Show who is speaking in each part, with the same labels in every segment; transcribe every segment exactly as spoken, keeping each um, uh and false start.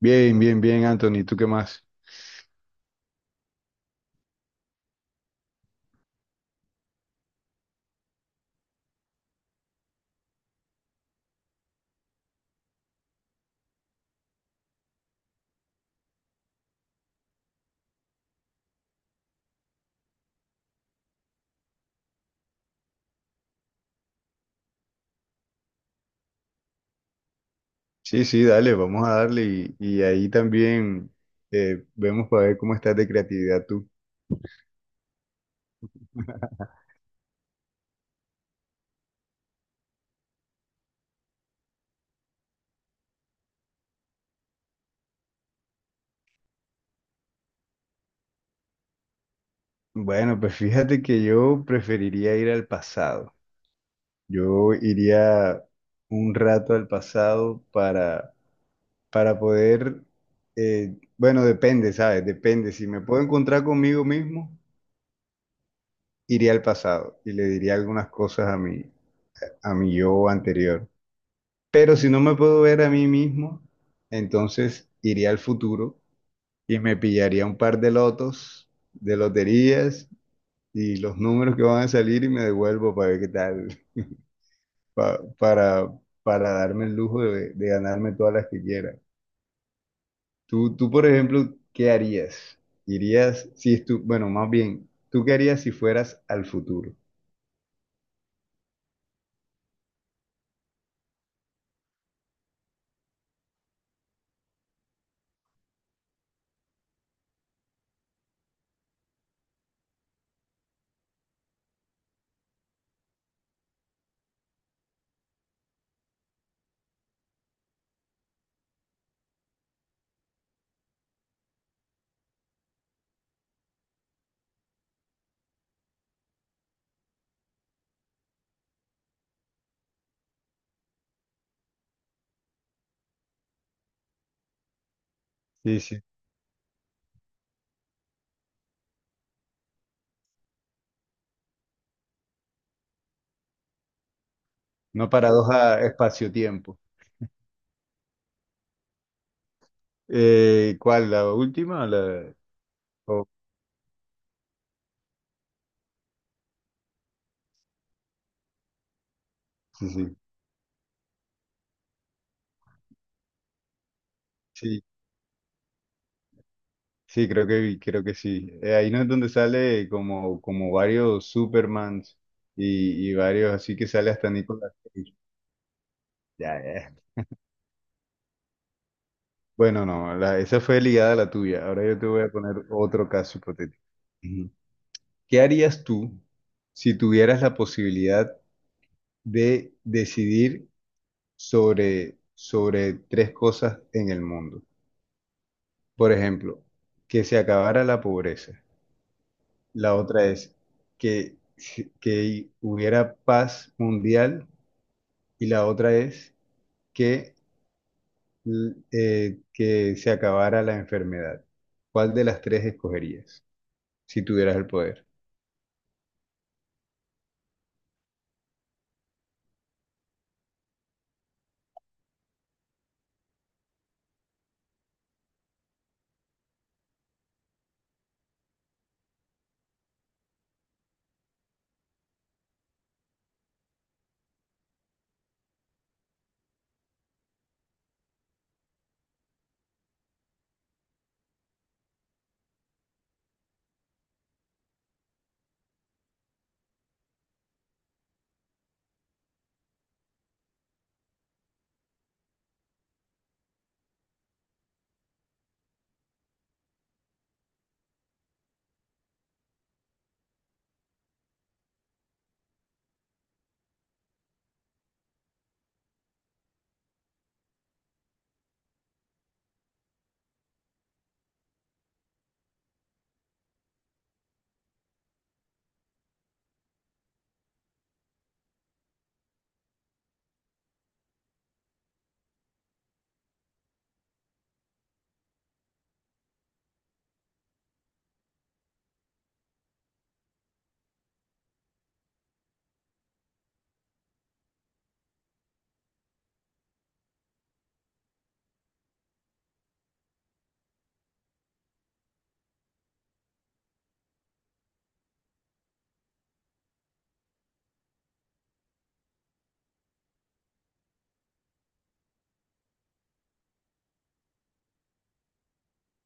Speaker 1: Bien, bien, bien, Anthony, ¿tú qué más? Sí, sí, dale, vamos a darle y, y ahí también eh, vemos para ver cómo estás de creatividad tú. Bueno, pues fíjate que yo preferiría ir al pasado. Yo iría un rato al pasado para, para poder, eh, bueno, depende, ¿sabes? Depende. Si me puedo encontrar conmigo mismo, iría al pasado y le diría algunas cosas a mi, a mi yo anterior. Pero si no me puedo ver a mí mismo, entonces iría al futuro y me pillaría un par de lotos, de loterías y los números que van a salir y me devuelvo para ver qué tal, pa- para, para darme el lujo de, de ganarme todas las que quiera. Tú, tú, por ejemplo, ¿qué harías? Irías, si estu- bueno, más bien, ¿tú qué harías si fueras al futuro? Sí, sí. Una paradoja espacio-tiempo. Eh, ¿cuál? ¿La última? ¿O la...? Oh, sí, sí. Sí. Sí, creo que creo que sí. Eh, ahí no es donde sale como, como varios Supermans y, y varios, así que sale hasta Nicolas Cage. Ya, ya. Bueno, no, la- esa fue ligada a la tuya. Ahora yo te voy a poner otro caso hipotético. Ujú. ¿Qué harías tú si tuvieras la posibilidad de decidir sobre, sobre tres cosas en el mundo? Por ejemplo, que se acabara la pobreza. La otra es que, que hubiera paz mundial y la otra es que, l- eh, que se acabara la enfermedad. ¿Cuál de las tres escogerías si tuvieras el poder?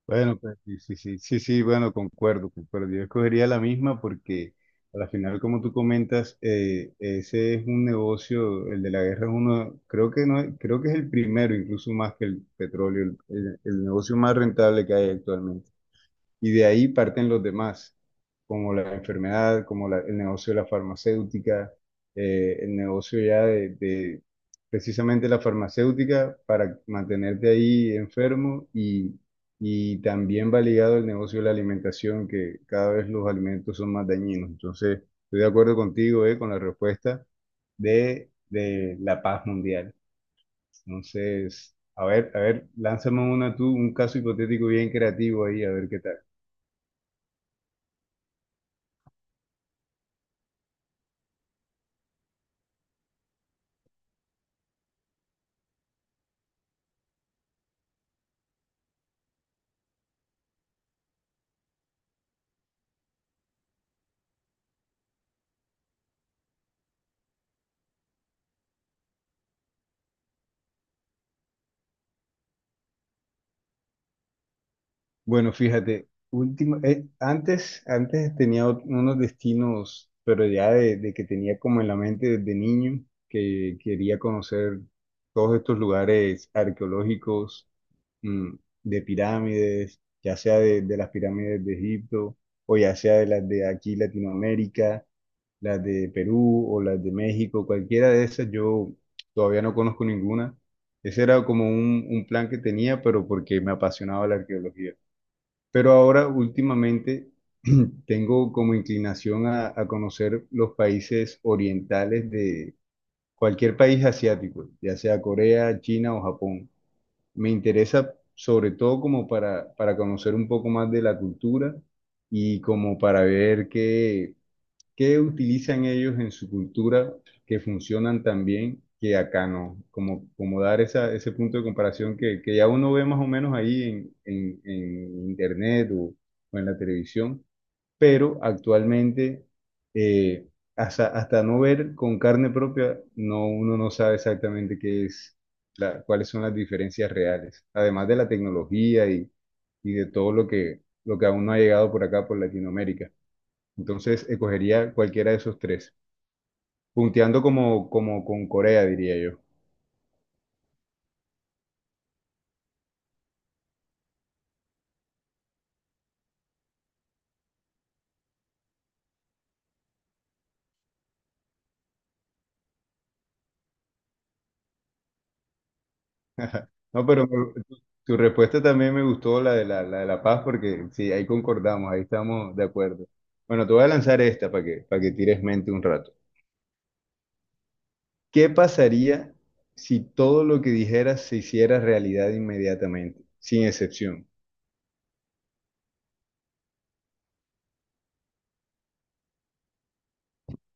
Speaker 1: Bueno, pues sí, sí, sí, sí, sí, bueno, concuerdo, concuerdo. Yo escogería la misma porque a la final, como tú comentas, eh, ese es un negocio, el de la guerra es uno, creo que no, creo que es el primero, incluso más que el petróleo, el el- el negocio más rentable que hay actualmente, y de ahí parten los demás, como la enfermedad, como la- el negocio de la farmacéutica, eh, el negocio ya de, de precisamente la farmacéutica para mantenerte ahí enfermo y, y también va ligado el negocio de la alimentación, que cada vez los alimentos son más dañinos. Entonces, estoy de acuerdo contigo, eh, con la respuesta de, de la paz mundial. Entonces, a ver, a ver, lánzame una tú, un caso hipotético bien creativo ahí, a ver qué tal. Bueno, fíjate, último, eh, antes, antes tenía ot- unos destinos, pero ya de, de que tenía como en la mente desde niño, que quería conocer todos estos lugares arqueológicos, mm, de pirámides, ya sea de, de las pirámides de Egipto, o ya sea de las de aquí Latinoamérica, las de Perú o las de México, cualquiera de esas, yo todavía no conozco ninguna. Ese era como un, un plan que tenía, pero porque me apasionaba la arqueología. Pero ahora últimamente tengo como inclinación a, a conocer los países orientales de cualquier país asiático, ya sea Corea, China o Japón. Me interesa sobre todo como para, para conocer un poco más de la cultura y como para ver qué, ¿qué utilizan ellos en su cultura que funcionan tan bien que acá no? Como, como dar esa, ese punto de comparación que, que ya uno ve más o menos ahí en, en- en internet o, o en la televisión, pero actualmente eh, hasta, hasta no ver con carne propia, no, uno no sabe exactamente qué es, la, cuáles son las diferencias reales, además de la tecnología y, y de todo lo que, lo que aún no ha llegado por acá, por Latinoamérica. Entonces, escogería cualquiera de esos tres, punteando como, como con Corea, diría yo. No, pero tu, tu respuesta también me gustó, la de la, la de la paz, porque sí, ahí concordamos, ahí estamos de acuerdo. Bueno, te voy a lanzar esta para que, para que tires mente un rato. ¿Qué pasaría si todo lo que dijeras se hiciera realidad inmediatamente, sin excepción?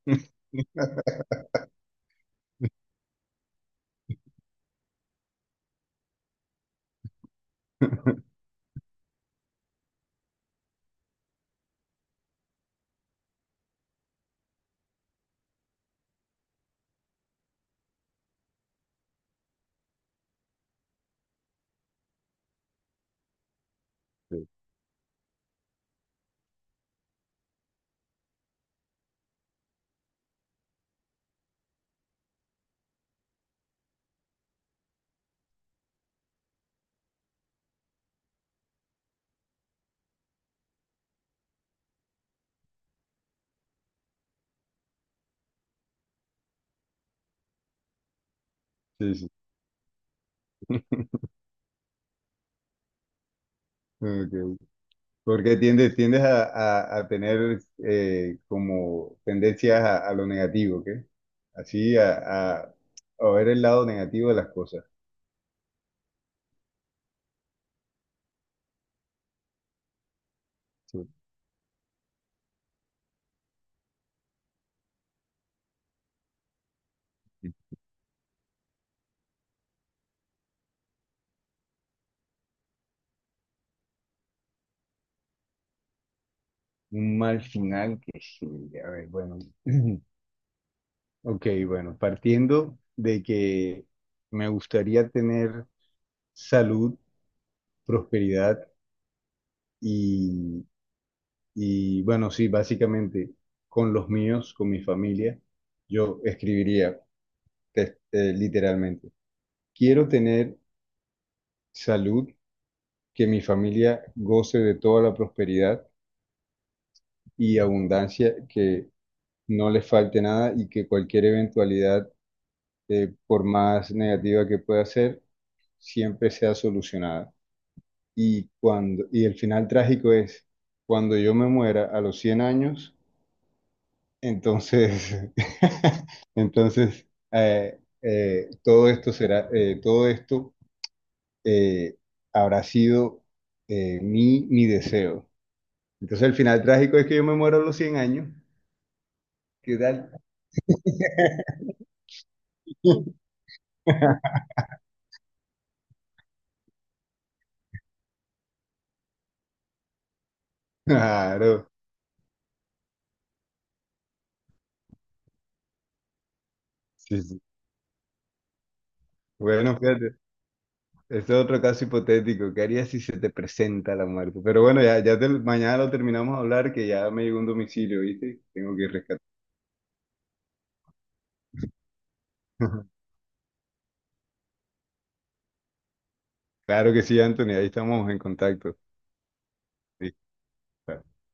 Speaker 1: Sí, sí. Sí. Ok. Porque tiendes, tiendes a, a- a tener eh, como tendencias a, a lo negativo, ¿ok? Así a, a- a ver el lado negativo de las cosas. Sí. Un mal final que sí, a ver, bueno. Ok, bueno, partiendo de que me gustaría tener salud, prosperidad y, y bueno, sí, básicamente con los míos, con mi familia, yo escribiría te- eh, literalmente. Quiero tener salud, que mi familia goce de toda la prosperidad y abundancia, que no les falte nada y que cualquier eventualidad, eh, por más negativa que pueda ser, siempre sea solucionada. Y cuando, y el final trágico es, cuando yo me muera a los cien años, entonces, entonces eh, eh, todo esto será, eh, todo esto eh, habrá sido eh, mi, mi deseo. Entonces el final trágico es que yo me muero a los cien años. ¿Qué tal? Claro. Sí, sí. Bueno, fíjate, este es otro caso hipotético. ¿Qué harías si se te presenta la muerte? Pero bueno, ya, ya te- mañana lo terminamos de hablar, que ya me llegó un domicilio, ¿viste? Tengo que ir rescatar. Claro que sí, Anthony, ahí estamos en contacto. Sí. Claro.